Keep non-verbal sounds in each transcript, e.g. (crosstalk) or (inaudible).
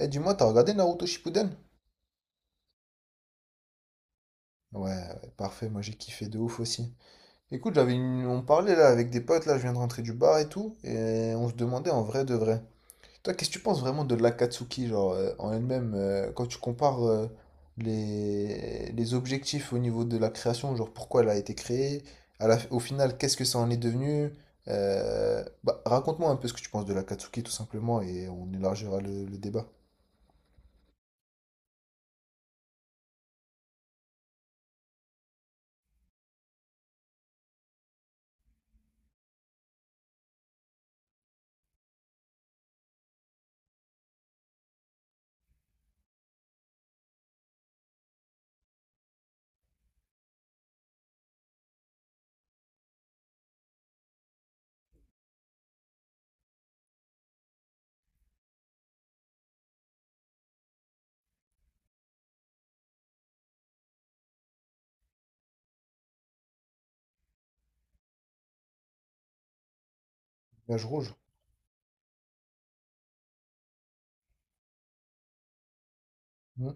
Eh, dis-moi, t'as regardé Naruto Shippuden? Ouais, ouais, parfait, moi j'ai kiffé de ouf aussi. Écoute, on parlait là avec des potes, là je viens de rentrer du bar et tout, et on se demandait en vrai de vrai. Toi, qu'est-ce que tu penses vraiment de l'Akatsuki, genre en elle-même, quand tu compares les objectifs au niveau de la création, genre pourquoi elle a été créée, au final, qu'est-ce que ça en est devenu? Bah, raconte-moi un peu ce que tu penses de l'Akatsuki tout simplement, et on élargira le débat. Nuage rouge. Hmm.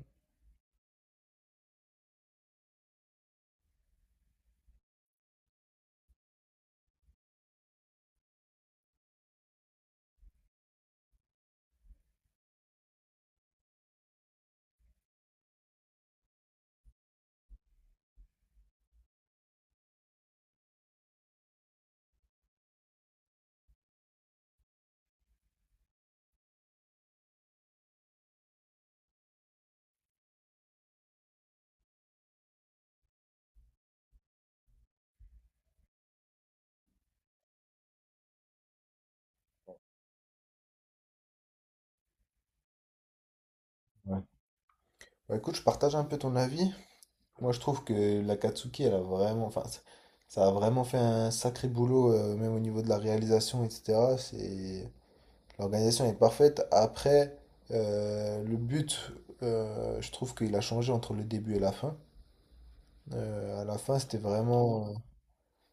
Ouais. Bah écoute, je partage un peu ton avis. Moi, je trouve que la Katsuki, elle a vraiment, enfin, ça a vraiment fait un sacré boulot, même au niveau de la réalisation, etc. C'est... L'organisation est parfaite. Après, le but, je trouve qu'il a changé entre le début et la fin. À la fin, c'était vraiment, euh,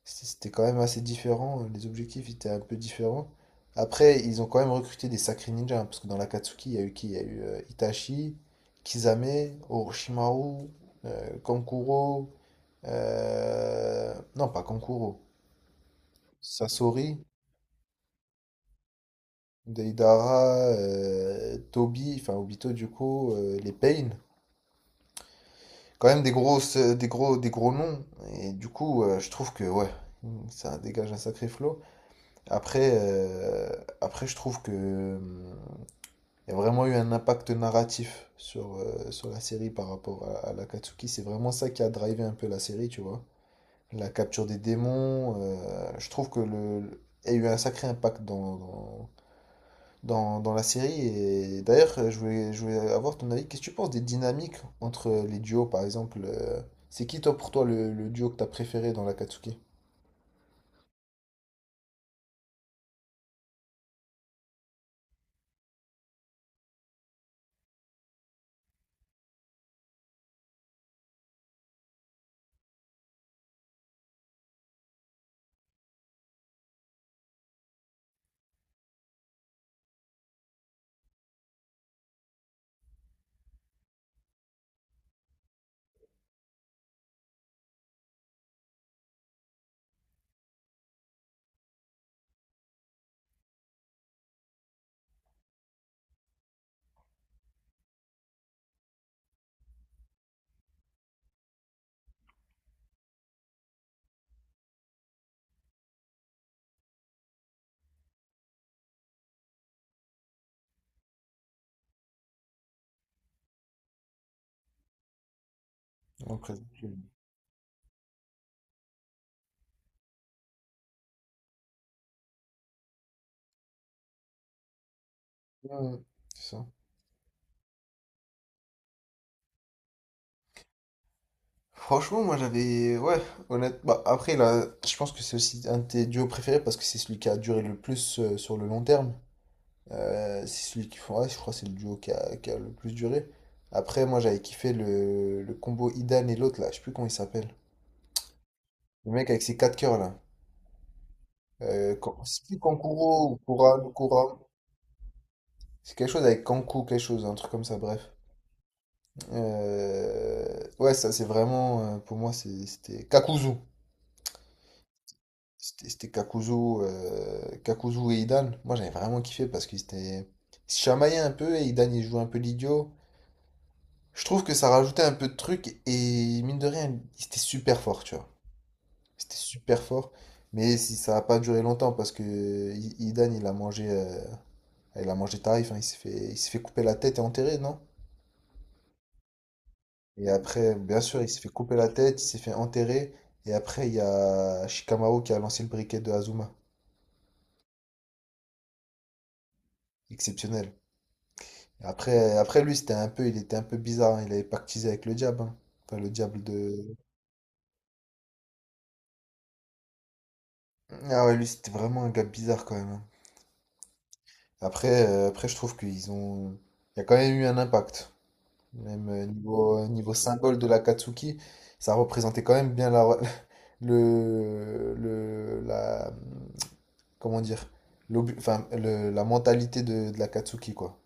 c- c'était quand même assez différent. Les objectifs étaient un peu différents. Après, ils ont quand même recruté des sacrés ninjas, hein, parce que dans la Katsuki, il y a eu qui? Il y a eu Itachi, Kisame, Orochimaru, Kankuro. Non, pas Kankuro. Sasori, Deidara, Toby, enfin Obito du coup, les Pain. Quand même des grosses, des gros noms. Et du coup, je trouve que ouais, ça dégage un sacré flot. Après, après, je trouve que il y a vraiment eu un impact narratif sur, sur la série par rapport à l'Akatsuki. C'est vraiment ça qui a drivé un peu la série, tu vois. La capture des démons. Je trouve que il y a eu un sacré impact dans la série. Et d'ailleurs, je voulais avoir ton avis. Qu'est-ce que tu penses des dynamiques entre les duos, par exemple? C'est qui, toi, pour toi, le duo que t'as préféré dans l'Akatsuki? Dans Akatsuki. Ouais, c'est ça. Franchement, moi j'avais. Ouais, honnête Bah, après, là, je pense que c'est aussi un de tes duos préférés parce que c'est celui qui a duré le plus sur le long terme. C'est celui qui font ouais je crois que c'est le duo qui a le plus duré. Après, moi j'avais kiffé le combo Idan et l'autre là, je sais plus comment il s'appelle. Le mec avec ses quatre cœurs là. C'est plus Kankuro ou Kuram, Kuram. C'est quelque chose avec Kanku, quelque chose, un truc comme ça, bref. Ouais, ça c'est vraiment, pour moi c'était Kakuzu. C'était Kakuzu, Kakuzu et Idan. Moi j'avais vraiment kiffé parce qu'ils étaient... ils se chamaillaient un peu et Idan il jouait un peu l'idiot. Je trouve que ça rajoutait un peu de truc et mine de rien, c'était super fort, tu vois. C'était super fort. Mais si ça n'a pas duré longtemps parce que Idan, il a mangé tarif, hein, il s'est fait couper la tête et enterrer, non? Et après, bien sûr, il s'est fait couper la tête, il s'est fait enterrer. Et après, il y a Shikamaru qui a lancé le briquet de Azuma. Exceptionnel. Après, après lui, c'était un peu, il était un peu bizarre. Hein, il avait pactisé avec le diable. Hein. Enfin, le diable de... Ah ouais, lui, c'était vraiment un gars bizarre quand même. Hein. Après, après je trouve qu'ils ont... Il y a quand même eu un impact. Même niveau symbole de la Katsuki, ça représentait quand même bien (laughs) la, comment dire, la mentalité de la Katsuki, quoi.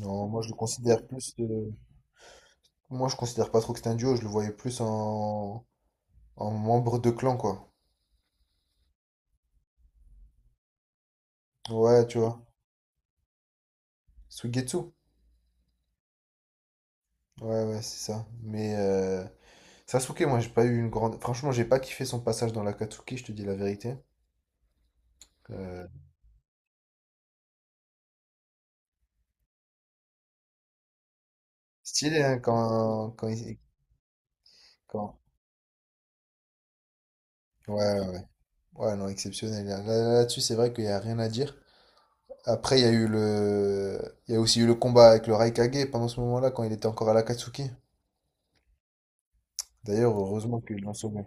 Non, moi je le considère plus. Moi je considère pas trop que c'est un duo, je le voyais plus en membre de clan, quoi. Ouais, tu vois. Suigetsu. Ouais, ouais, c'est ça. Mais, Sasuke, moi, j'ai pas eu une grande. Franchement, j'ai pas kiffé son passage dans l'Akatsuki, je te dis la vérité. Euh, stylé, hein, quand- ouais, ouais. Ouais, non, exceptionnel. Là, là-dessus, c'est vrai qu'il y a rien à dire. Après, il y a eu le... Il y a aussi eu le combat avec le Raikage pendant ce moment-là, quand il était encore à l'Akatsuki. D'ailleurs, heureusement qu'ils l'ont sauvé.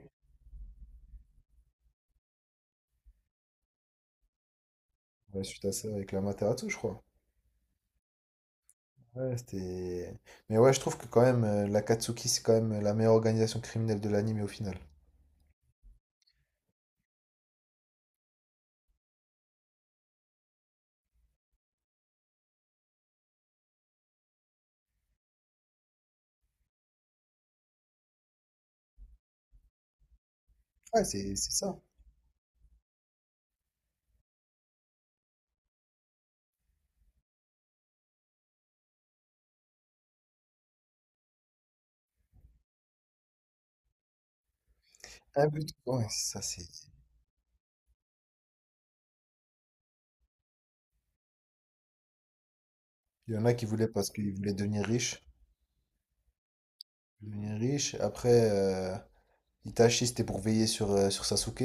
Ouais, suite à ça, avec l'Amaterasu, je crois. Ouais, c'était... Mais ouais, je trouve que quand même, l'Akatsuki, c'est quand même la meilleure organisation criminelle de l'anime au final. Ouais, c'est ça. Un but. Ouais, c'est ça, c'est... Il y en a qui voulaient parce qu'ils voulaient devenir riches. Devenir riches. Après, Itachi, c'était pour veiller sur, sur Sasuke.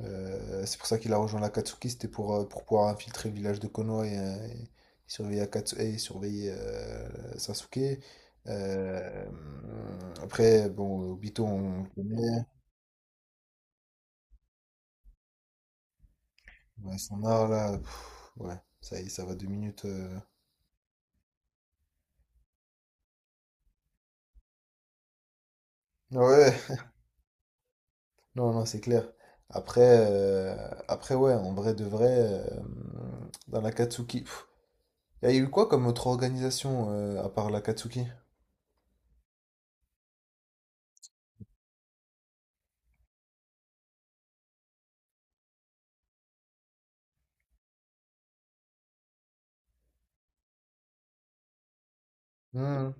C'est pour ça qu'il a rejoint l'Akatsuki, c'était pour pouvoir infiltrer le village de Konoha et surveiller, et surveiller Sasuke. Euh, Après, bon, Obito, on le connaît. Ouais, son art, là, pff, ouais, ça y est, ça va deux minutes. Euh. Ouais, ouais. Non, non, c'est clair. Après, euh, après, ouais, en vrai de vrai, dans l'Akatsuki, pff, il y a eu quoi comme autre organisation à part l'Akatsuki? Hmm.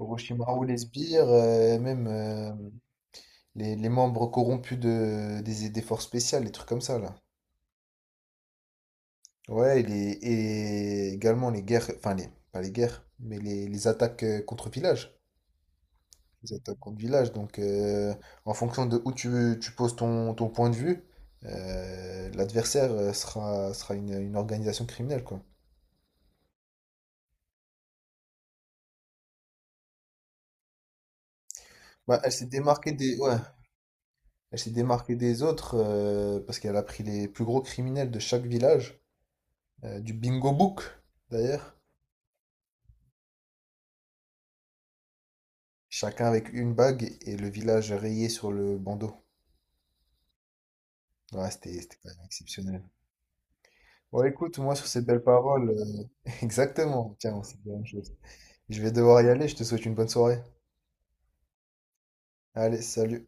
Orochimaru, les sbires, même les membres corrompus des forces spéciales, les trucs comme ça là. Ouais, et, et également les guerres, enfin les, pas les guerres, mais les attaques contre village. Les attaques contre village. Donc en fonction de où tu poses ton point de vue, l'adversaire sera une organisation criminelle quoi. Bah, elle s'est démarquée des, ouais, elle s'est démarquée des autres parce qu'elle a pris les plus gros criminels de chaque village, du bingo book d'ailleurs, chacun avec une bague et le village rayé sur le bandeau. Ouais, c'était quand même exceptionnel. Bon, écoute, moi sur ces belles paroles, (laughs) exactement, tiens, c'est la même chose. Je vais devoir y aller, je te souhaite une bonne soirée. Allez, salut.